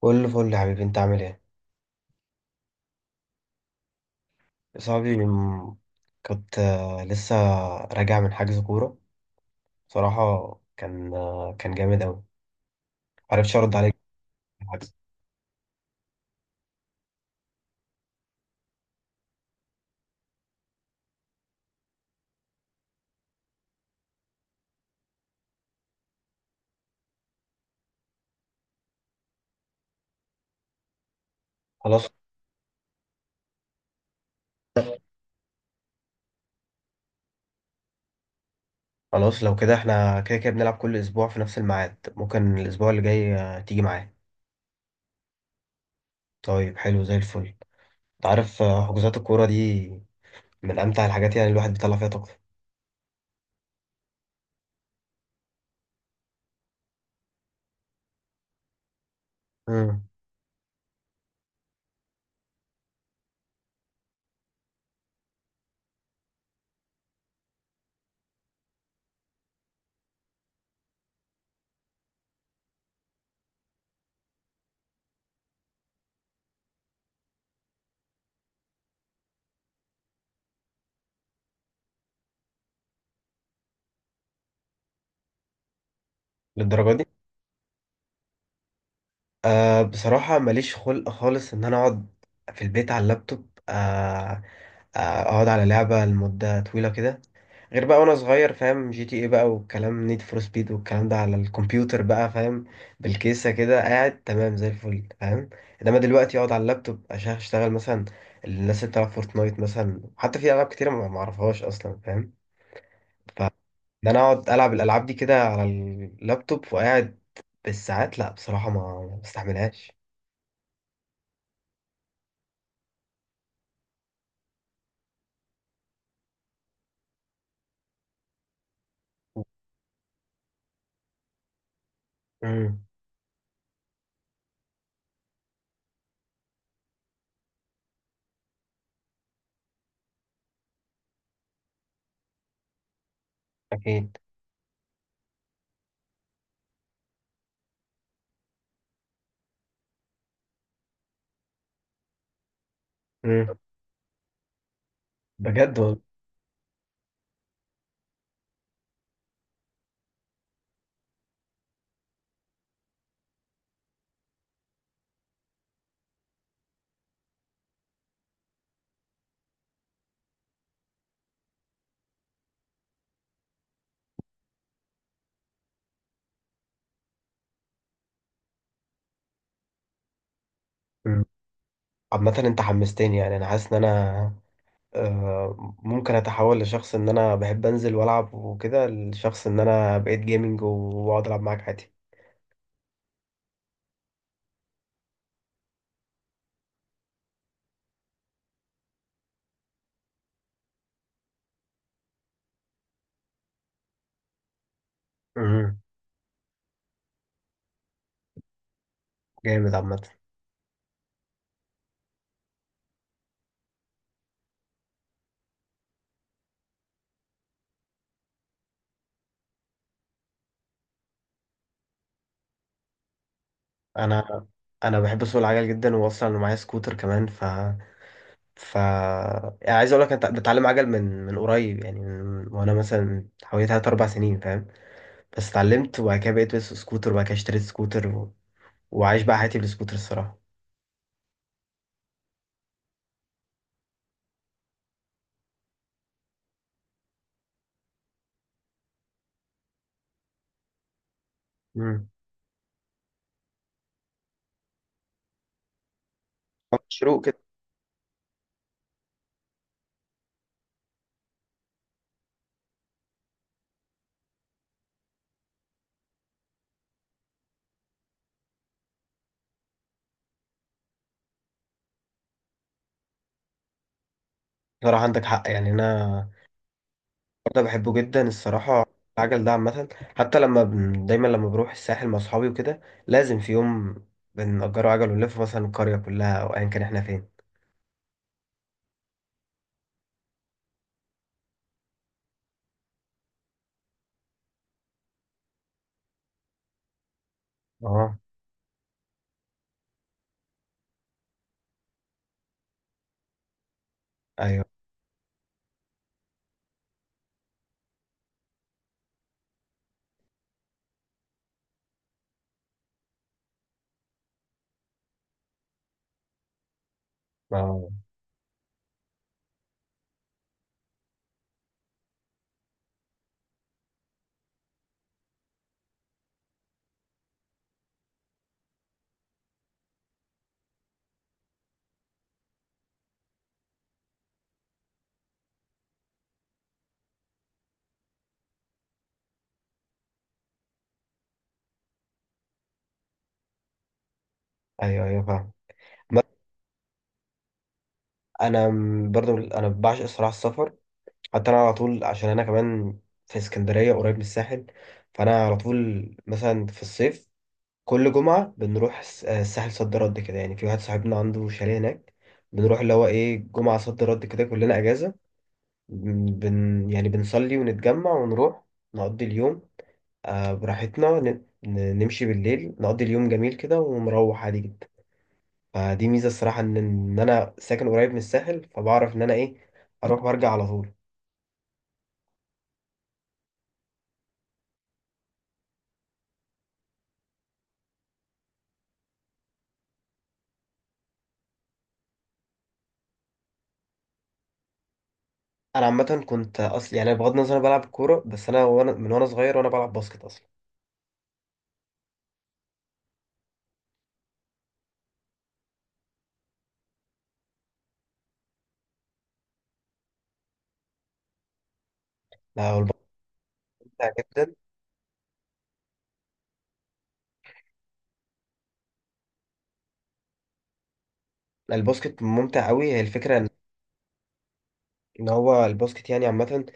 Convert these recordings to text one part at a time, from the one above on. كل فل يا حبيبي، انت عامل ايه؟ صاحبي م- كنت، لسه راجع من حجز كوره. بصراحه كان جامد قوي، معرفتش ارد عليك في الحجز. خلاص، خلاص، لو كده احنا كده كده بنلعب كل اسبوع في نفس الميعاد. ممكن الاسبوع اللي جاي تيجي معايا؟ طيب، حلو زي الفل. انت عارف، حجوزات الكوره دي من امتع الحاجات، يعني الواحد بيطلع فيها طاقته. امم للدرجه دي؟ أه، بصراحة ماليش خلق خالص إن أنا أقعد في البيت على اللابتوب. أه، أقعد على لعبة لمدة طويلة كده؟ غير بقى وأنا صغير، فاهم، جي تي إيه بقى والكلام، نيد فور سبيد والكلام ده، على الكمبيوتر بقى فاهم، بالكيسة كده قاعد تمام زي الفل فاهم. إنما دلوقتي أقعد على اللابتوب عشان أشتغل مثلا. الناس اللي بتلعب فورتنايت مثلا، حتى في ألعاب كتيرة ما معرفهاش أصلا فاهم. فإن أنا أقعد ألعب الألعاب دي كده على اللابتوب وقاعد بالساعات، لأ بصراحة ما بستحملهاش. امم اكيد. امم بجد والله. مم. عامة انت حمستني، يعني انا حاسس ان انا ممكن اتحول لشخص، ان انا بحب انزل والعب وكده، لشخص ان انا بقيت جيمنج واقعد العب معاك عادي. امم جامد عامة. انا انا بحب اسوق العجل جدا، واصلا معايا سكوتر كمان، ف ف يعني عايز اقول لك انت بتعلم عجل، من قريب يعني، وانا مثلا حوالي 3 4 سنين فاهم، بس اتعلمت، وبعد كده بقيت بس سكوتر، وبعد كده اشتريت سكوتر وعايش بقى حياتي بالسكوتر الصراحة. مم. مشروق كده. صراحة عندك حق، يعني أنا برضه بحبه جدا الصراحة، العجل ده. عامة حتى دايما لما بروح الساحل مع أصحابي وكده، لازم في يوم بنأجره عجل ونلف مثلا القرية كلها، أو أيا كان إحنا فين. أه. أيوه. أه، أيوه، أيوه فاهم. بس أنا، برضه، أنا بعشق الصراحة السفر. حتى أنا على طول، عشان أنا كمان في اسكندرية قريب من الساحل، فأنا على طول مثلا في الصيف كل جمعة بنروح الساحل، صد رد كده، يعني في واحد صاحبنا عنده شاليه هناك، بنروح اللي هو ايه، جمعة صد رد كده كلنا أجازة، يعني بنصلي ونتجمع ونروح نقضي اليوم، آه براحتنا، نمشي بالليل، نقضي اليوم جميل كده ونروح عادي جدا. فدي ميزة الصراحة، إن أنا ساكن قريب من الساحل، فبعرف إن أنا ايه، أروح وأرجع على طول. أنا عامة كنت أصل يعني، بغض النظر أنا بلعب كورة، بس أنا، وأنا من وأنا صغير وأنا بلعب باسكت أصلا. لا هو الباسكت ممتع جدا، الباسكت ممتع قوي هي الفكرة. ان هو الباسكت يعني عامة،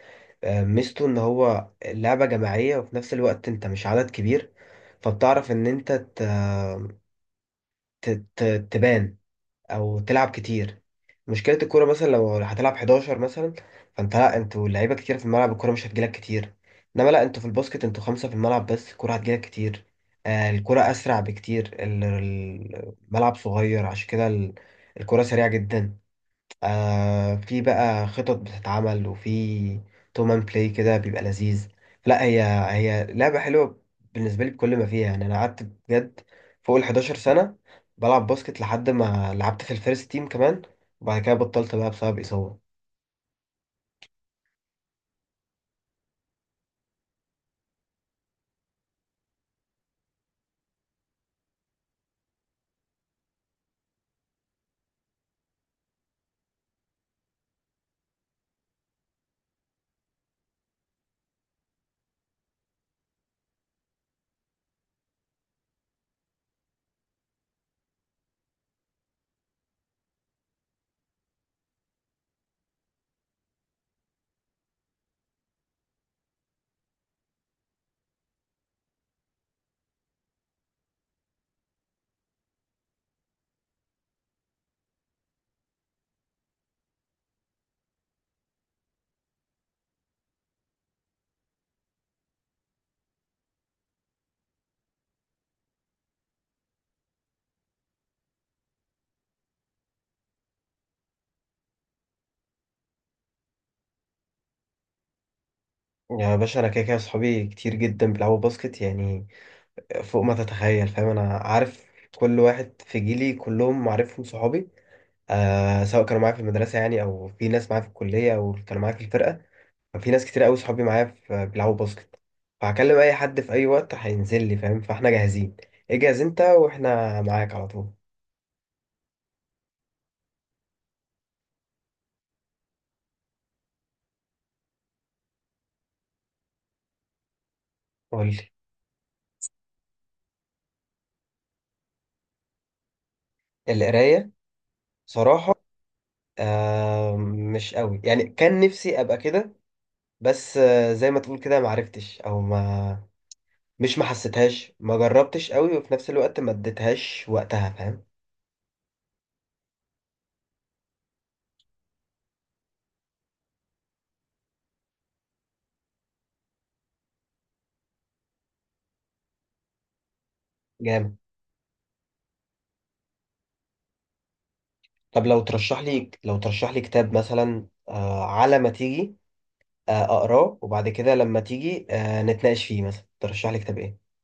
ميزته ان هو لعبة جماعية، وفي نفس الوقت انت مش عدد كبير، فبتعرف ان انت ت... ت... تبان او تلعب كتير. مشكلة الكورة مثلا لو هتلعب 11 مثلا، لا انتوا لعيبة كتير في الملعب، الكورة مش هتجيلك كتير. انما لا انتوا في الباسكت، انتوا خمسة في الملعب بس الكورة هتجيلك كتير. الكورة اسرع بكتير، الملعب صغير، عشان كده الكورة سريعة جدا. آه، في بقى خطط بتتعمل، وفي تومان بلاي كده بيبقى لذيذ. لا هي لعبة حلوة بالنسبة لي بكل ما فيها، يعني أنا قعدت بجد فوق ال 11 سنة بلعب باسكت، لحد ما لعبت في الفيرست تيم كمان، وبعد كده بطلت بقى بسبب إصابة. يعني يا باشا، أنا كده كده صحابي كتير جدا بيلعبوا باسكت، يعني فوق ما تتخيل فاهم. أنا عارف كل واحد في جيلي، كلهم معرفهم صحابي، آه، سواء كانوا معايا في المدرسة يعني، أو في ناس معايا في الكلية، أو كانوا معايا في الفرقة. في ناس كتير قوي صحابي معايا في بيلعبوا باسكت، فهكلم اي حد في اي وقت هينزل لي فاهم، فاحنا جاهزين. اجهز انت واحنا معاك على طول. قول لي. القرايه؟ صراحه، آه، مش قوي يعني، كان نفسي ابقى كده، بس آه زي ما تقول كده، ما عرفتش، او ما مش ما حسيتهاش، ما جربتش قوي، وفي نفس الوقت ما اديتهاش وقتها فاهم. جامد. طب لو ترشح لي، لو ترشح لي كتاب مثلا، آه، على ما تيجي اقراه، وبعد كده لما تيجي نتناقش فيه، مثلا ترشح لي كتاب ايه؟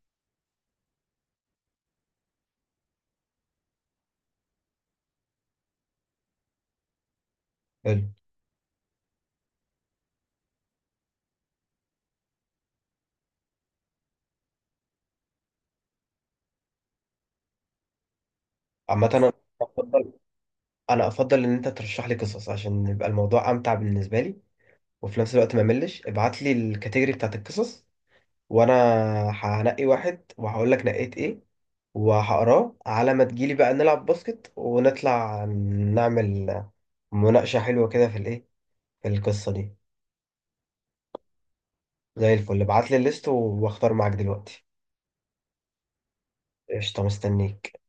حلو. عامة انا افضل، انا افضل ان انت ترشح لي قصص، عشان يبقى الموضوع امتع بالنسبة لي، وفي نفس الوقت ما ملش، ابعت لي الكاتيجوري بتاعت القصص، وانا هنقي واحد وهقول لك نقيت ايه، وهقراه على ما تجيلي بقى نلعب باسكت ونطلع، نعمل مناقشة حلوة كده في الايه، في القصة دي. زي الفل، ابعت لي الليست واختار معاك دلوقتي. قشطة، مستنيك.